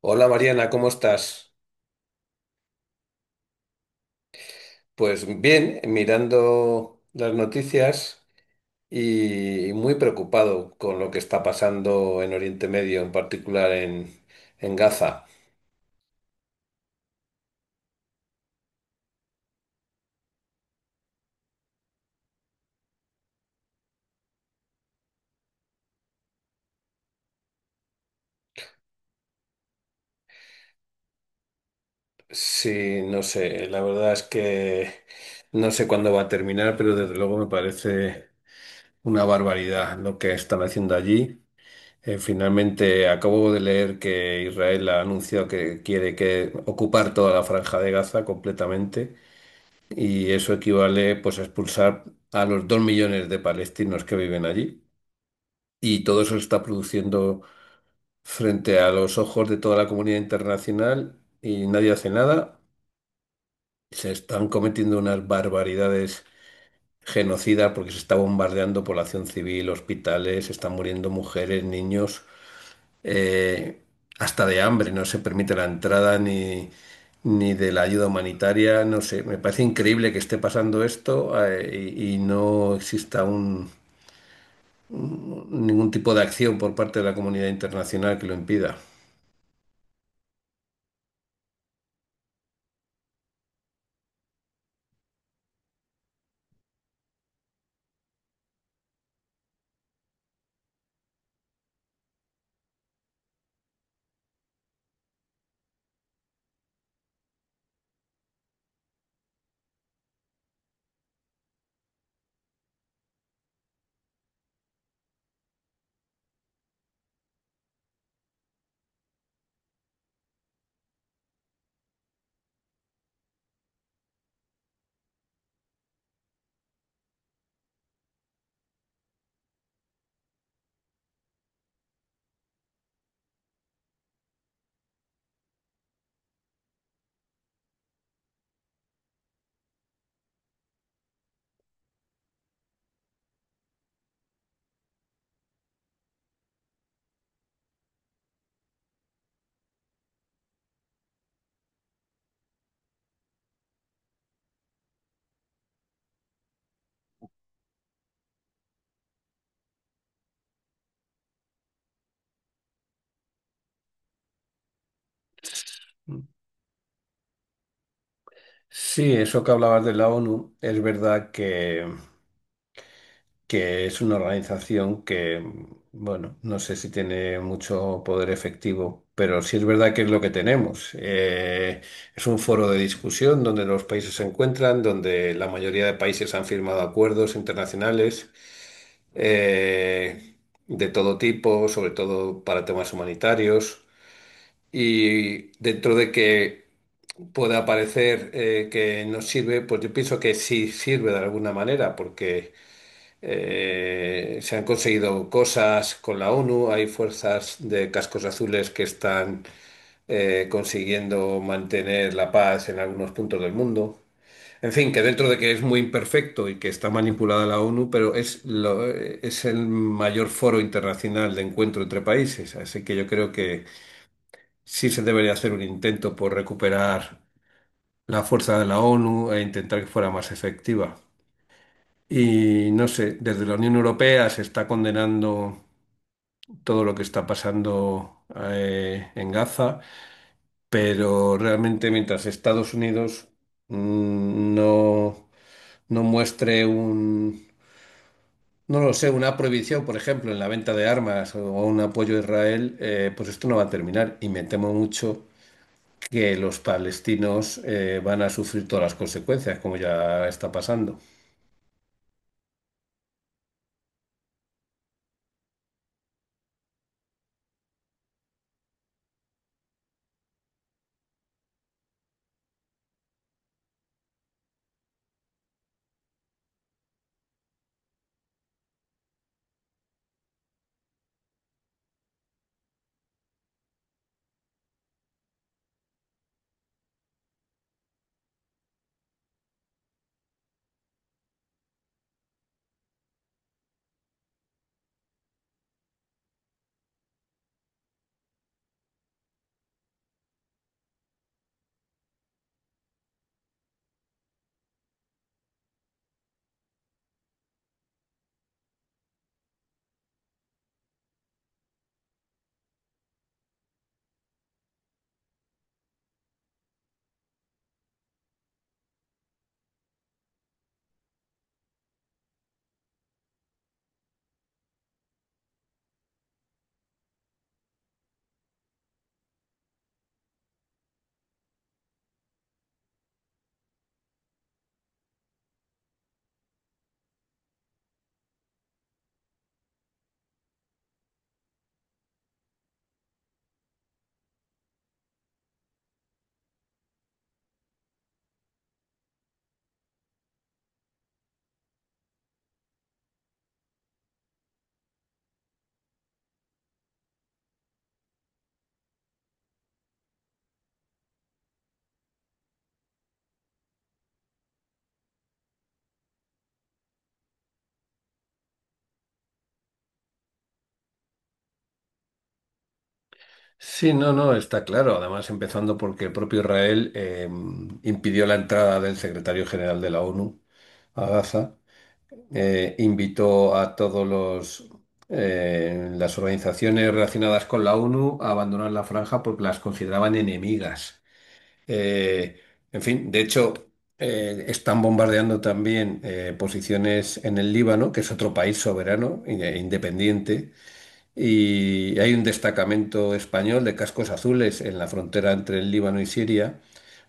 Hola Mariana, ¿cómo estás? Pues bien, mirando las noticias y muy preocupado con lo que está pasando en Oriente Medio, en particular en Gaza. Sí, no sé, la verdad es que no sé cuándo va a terminar, pero desde luego me parece una barbaridad lo que están haciendo allí. Finalmente acabo de leer que Israel ha anunciado que quiere que ocupar toda la franja de Gaza completamente. Y eso equivale pues a expulsar a los 2 millones de palestinos que viven allí. Y todo eso se está produciendo frente a los ojos de toda la comunidad internacional y nadie hace nada. Se están cometiendo unas barbaridades genocidas porque se está bombardeando población civil, hospitales, se están muriendo mujeres, niños. eh, Hasta de hambre, no se permite la entrada ni, ni de la ayuda humanitaria, no sé, me parece increíble que esté pasando esto y no exista ningún tipo de acción por parte de la comunidad internacional que lo impida. Sí, eso que hablabas de la ONU, es verdad que es una organización que, bueno, no sé si tiene mucho poder efectivo, pero sí es verdad que es lo que tenemos. Es un foro de discusión donde los países se encuentran, donde la mayoría de países han firmado acuerdos internacionales eh, de todo tipo, sobre todo para temas humanitarios. Y dentro de que pueda parecer que no sirve, pues yo pienso que sí sirve de alguna manera, porque... se han conseguido cosas con la ONU, hay fuerzas de cascos azules que están consiguiendo mantener la paz en algunos puntos del mundo. En fin, que dentro de que es muy imperfecto y que está manipulada la ONU, pero es, es el mayor foro internacional de encuentro entre países, así que yo creo que sí se debería hacer un intento por recuperar la fuerza de la ONU e intentar que fuera más efectiva. Y no sé, desde la Unión Europea se está condenando todo lo que está pasando en Gaza, pero realmente mientras Estados Unidos no, no muestre un, no lo sé, una prohibición, por ejemplo, en la venta de armas o un apoyo a Israel, pues esto no va a terminar. Y me temo mucho que los palestinos van a sufrir todas las consecuencias, como ya está pasando. Sí, no, no, está claro. Además, empezando porque el propio Israel impidió la entrada del secretario general de la ONU a Gaza, invitó a todos los las organizaciones relacionadas con la ONU a abandonar la franja porque las consideraban enemigas. Eh, en fin, de hecho, están bombardeando también posiciones en el Líbano, que es otro país soberano, e independiente y hay un destacamento español de cascos azules en la frontera entre el Líbano y Siria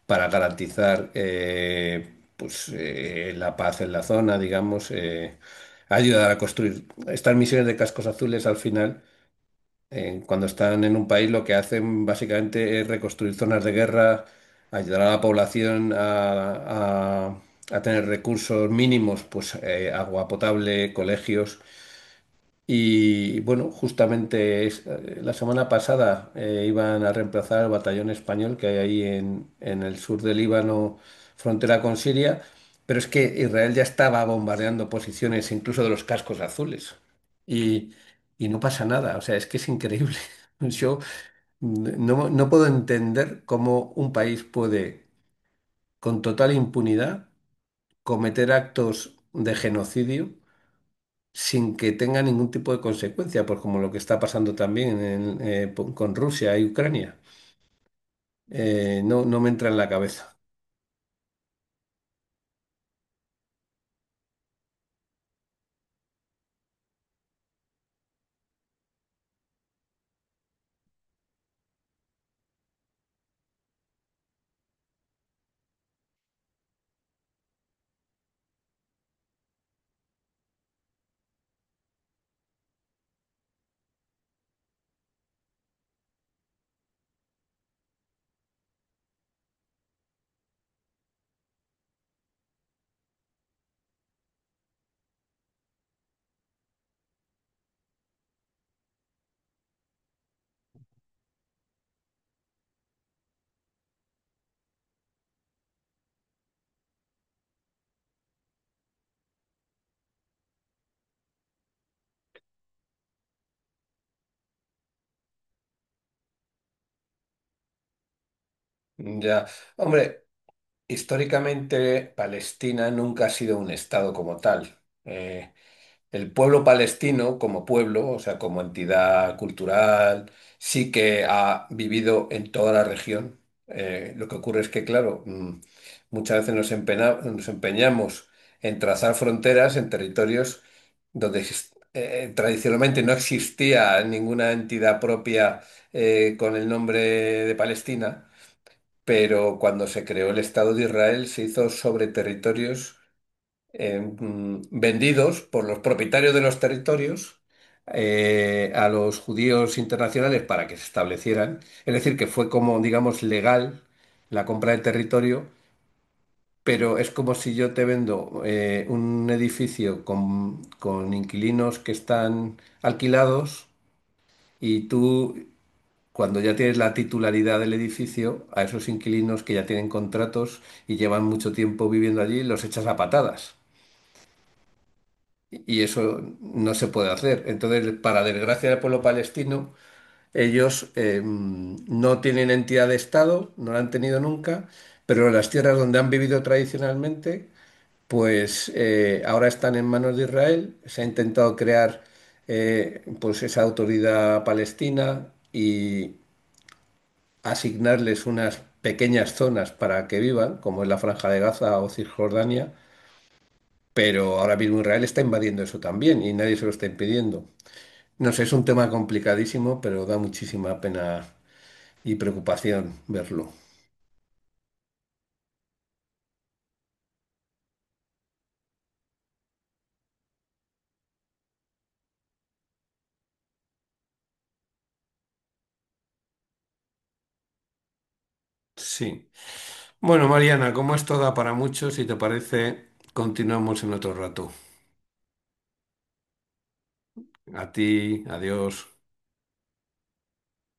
para garantizar pues, la paz en la zona, digamos, ayudar a construir. Estas misiones de cascos azules al final, cuando están en un país, lo que hacen básicamente es reconstruir zonas de guerra, ayudar a la población a tener recursos mínimos, pues agua potable, colegios y bueno, justamente la semana pasada iban a reemplazar al batallón español que hay ahí en el sur del Líbano, frontera con Siria, pero es que Israel ya estaba bombardeando posiciones incluso de los cascos azules y, y no pasa nada, o sea, es que es increíble. Yo no, no puedo entender cómo un país puede con total impunidad cometer actos de genocidio sin que tenga ningún tipo de consecuencia, pues como lo que está pasando también con Rusia y Ucrania. No, no me entra en la cabeza. Ya, hombre, históricamente Palestina nunca ha sido un estado como tal. El pueblo palestino como pueblo, o sea, como entidad cultural, sí que ha vivido en toda la región. Lo que ocurre es que, claro, muchas veces nos empeñamos en trazar fronteras en territorios donde tradicionalmente no existía ninguna entidad propia con el nombre de Palestina, pero cuando se creó el Estado de Israel se hizo sobre territorios vendidos por los propietarios de los territorios a los judíos internacionales para que se establecieran. Es decir, que fue como, digamos, legal la compra de territorio, pero es como si yo te vendo un edificio con inquilinos que están alquilados y tú... cuando ya tienes la titularidad del edificio, a esos inquilinos que ya tienen contratos y llevan mucho tiempo viviendo allí, los echas a patadas. Y eso no se puede hacer. Entonces, para desgracia del pueblo palestino, ellos no tienen entidad de Estado, no la han tenido nunca, pero las tierras donde han vivido tradicionalmente, pues ahora están en manos de Israel. Se ha intentado crear pues esa autoridad palestina y asignarles unas pequeñas zonas para que vivan, como es la Franja de Gaza o Cisjordania. Pero ahora mismo Israel está invadiendo eso también y nadie se lo está impidiendo. No sé, es un tema complicadísimo, pero da muchísima pena y preocupación verlo. Sí. Bueno, Mariana, como esto da para mucho, si te parece, continuamos en otro rato. A ti, adiós.